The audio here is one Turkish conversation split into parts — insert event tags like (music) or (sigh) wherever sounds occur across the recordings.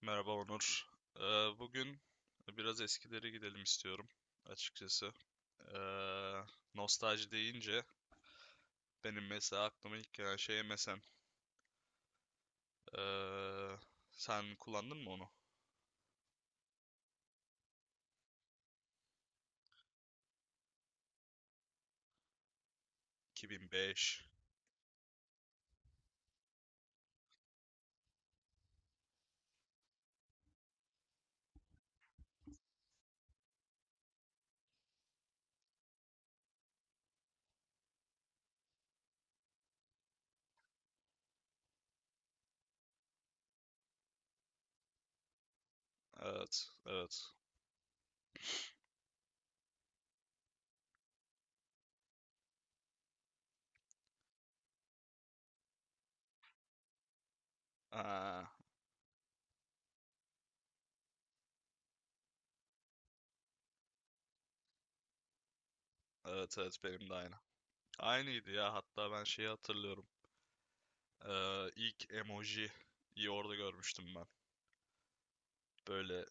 Merhaba Onur. Ee, bugün biraz eskileri gidelim istiyorum açıkçası. Ee, nostalji deyince benim mesela aklıma ilk gelen şey MSN. Ee, sen kullandın mı onu? 2005. Evet, evet. Aa, evet, evet benim de aynı. Aynıydı ya, hatta ben şeyi hatırlıyorum. İlk emojiyi orada görmüştüm ben. Böyle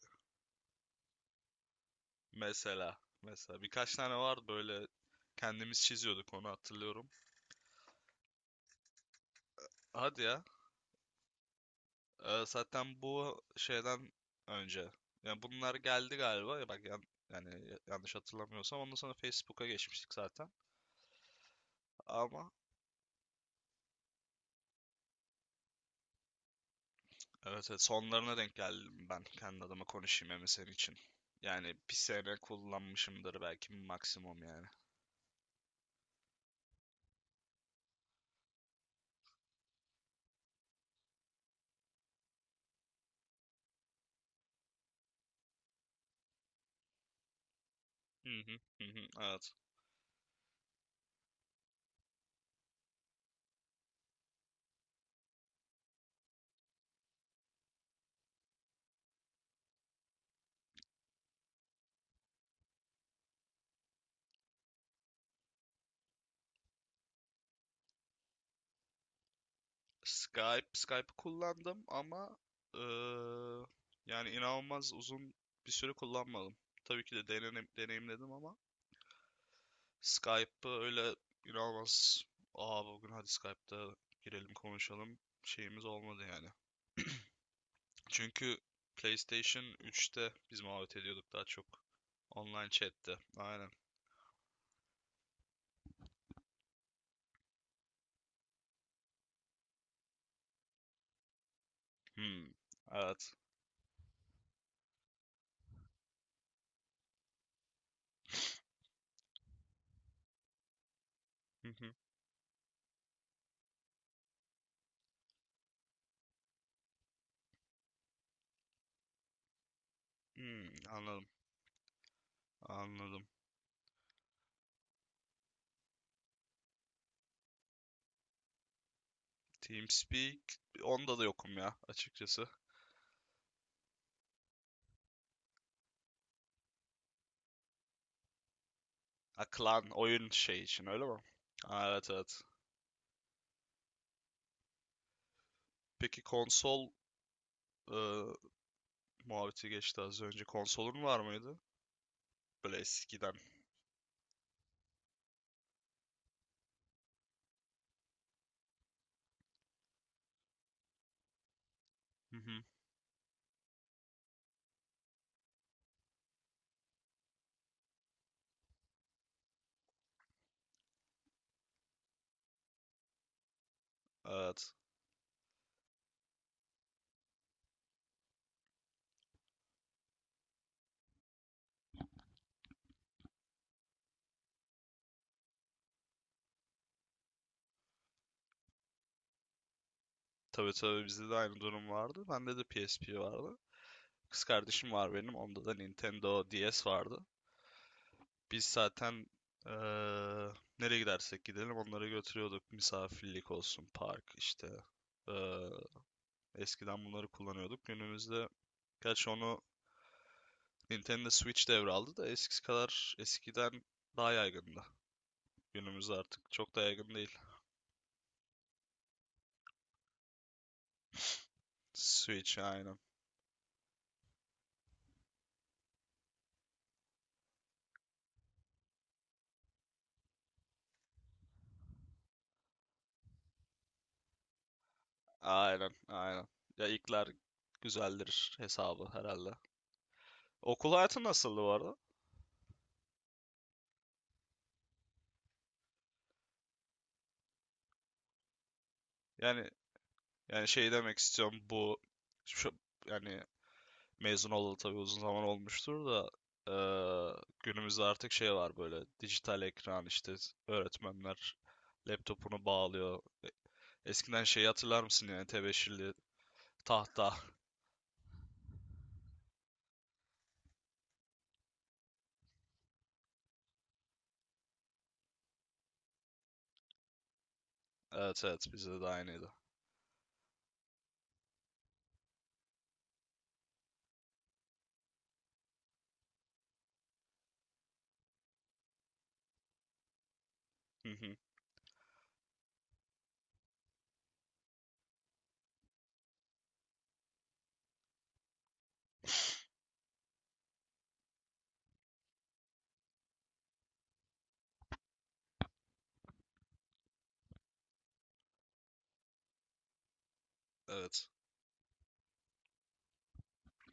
mesela birkaç tane vardı, böyle kendimiz çiziyorduk onu hatırlıyorum. Hadi ya. Zaten bu şeyden önce. Yani bunlar geldi galiba. Ya bak, yani yanlış hatırlamıyorsam ondan sonra Facebook'a geçmiştik zaten. Ama evet, evet, sonlarına denk geldim ben, kendi adıma konuşayım hem de senin için. Yani bir sene kullanmışımdır belki maksimum yani. Hı hı, hı hı, evet. Skype'ı kullandım ama eee, yani inanılmaz uzun bir süre kullanmadım. Tabii ki de deneyimledim ama Skype'ı öyle inanılmaz. Aa, bugün hadi Skype'da girelim konuşalım şeyimiz olmadı yani. (clears throat) (laughs) Çünkü PlayStation 3'te biz muhabbet ediyorduk daha çok. Online chat'te. Aynen. Hmm. Evet. (laughs) Hı anladım. Anladım. TeamSpeak, onda da yokum ya açıkçası. Ha, klan oyun şey için öyle mi? Aa, evet evet. Peki konsol e, muhabbeti geçti az önce. Konsolun var mıydı? Böyle eskiden. Hı hı. Evet. Tabii tabii, bizde de aynı durum vardı. Bende de PSP vardı. Kız kardeşim var benim. Onda da Nintendo DS vardı. Biz zaten eee, nereye gidersek gidelim onları götürüyorduk. Misafirlik olsun, park işte. Eee, eskiden bunları kullanıyorduk. Günümüzde gerçi onu Nintendo Switch devraldı da eskisi kadar, eskiden daha yaygındı. Günümüzde artık çok da yaygın değil. (laughs) Switch aynı. Aynen, aynen. Ya, ilkler güzeldir hesabı herhalde. Okul hayatı nasıldı bu arada? Yani yani şey demek istiyorum, bu şu yani mezun olalı tabii uzun zaman olmuştur da, eee, günümüzde artık şey var, böyle dijital ekran, işte öğretmenler laptopunu bağlıyor. Eskiden şeyi hatırlar mısın, yani tebeşirli tahta. (laughs) Evet evet, bizde de aynıydı. Hı hı, evet.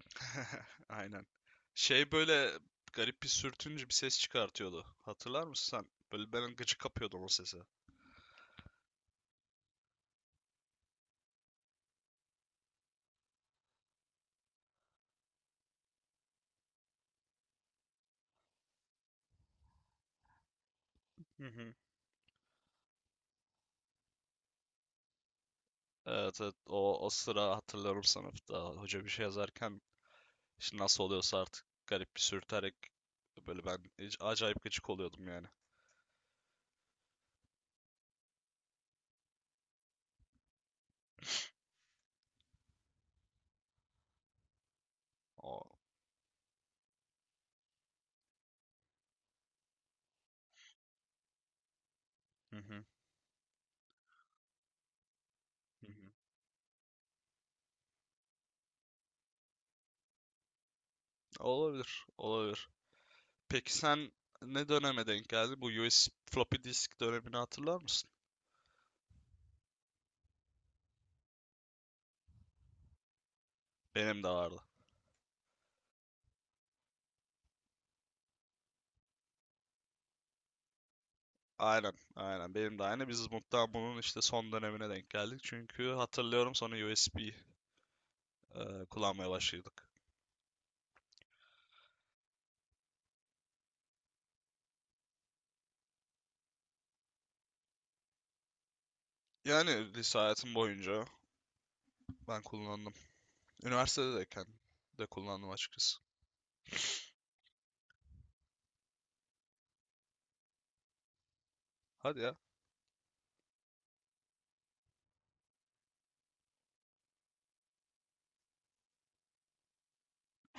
(laughs) Aynen. Şey, böyle garip bir sürtünce bir ses çıkartıyordu. Hatırlar mısın sen? Böyle ben gıcık kapıyordum o sesi. Hı hı. Evet evet, o sıra hatırlıyorum sınıfta. Hoca bir şey yazarken, işte nasıl oluyorsa artık, garip bir sürterek, böyle ben acayip gıcık oluyordum yani. O, hı hı. Hı hı. Olabilir olabilir. Peki sen ne döneme denk geldin? Bu USB, floppy disk dönemini hatırlar mısın? Benim de vardı. Aynen, aynen. Benim de aynı. Biz mutlaka bunun işte son dönemine denk geldik. Çünkü hatırlıyorum, sonra USB kullanmaya başladık. Yani lise hayatım boyunca ben kullandım. Üniversitedeyken de kullandım açıkçası. Hadi ya.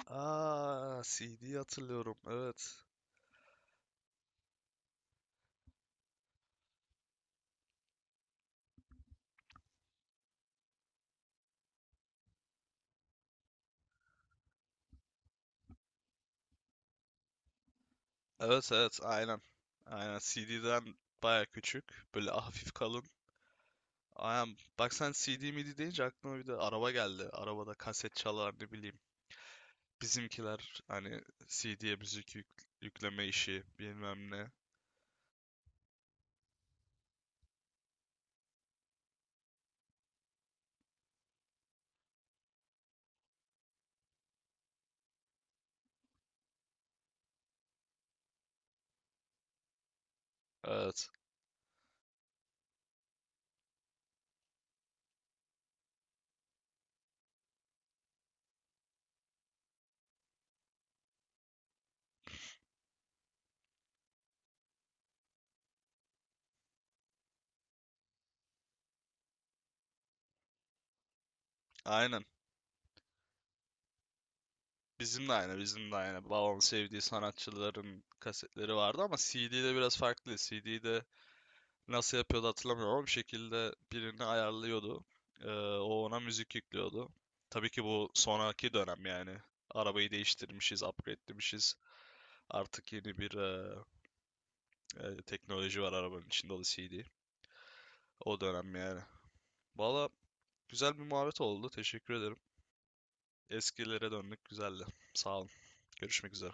Aa, CD hatırlıyorum. Evet. Evet, evet. Aynen. Aynen. CD'den baya küçük. Böyle hafif kalın. Aynen. Bak sen CD midi deyince aklıma bir de araba geldi. Arabada kaset çalar, ne bileyim. Bizimkiler hani CD'ye müzik yükleme işi bilmem ne. Evet. Aynen. Bizim de aynı, bizim de aynı. Babamın sevdiği sanatçıların kasetleri vardı ama CD'de biraz farklı. CD'de nasıl yapıyordu hatırlamıyorum ama bir şekilde birini ayarlıyordu. Ee, o ona müzik yüklüyordu. Tabii ki bu sonraki dönem yani. Arabayı değiştirmişiz, upgrade'lemişiz. Artık yeni bir teknoloji var arabanın içinde, o da CD. O dönem yani. Valla, güzel bir muhabbet oldu. Teşekkür ederim. Eskilere döndük. Güzeldi. Sağ olun. Görüşmek üzere.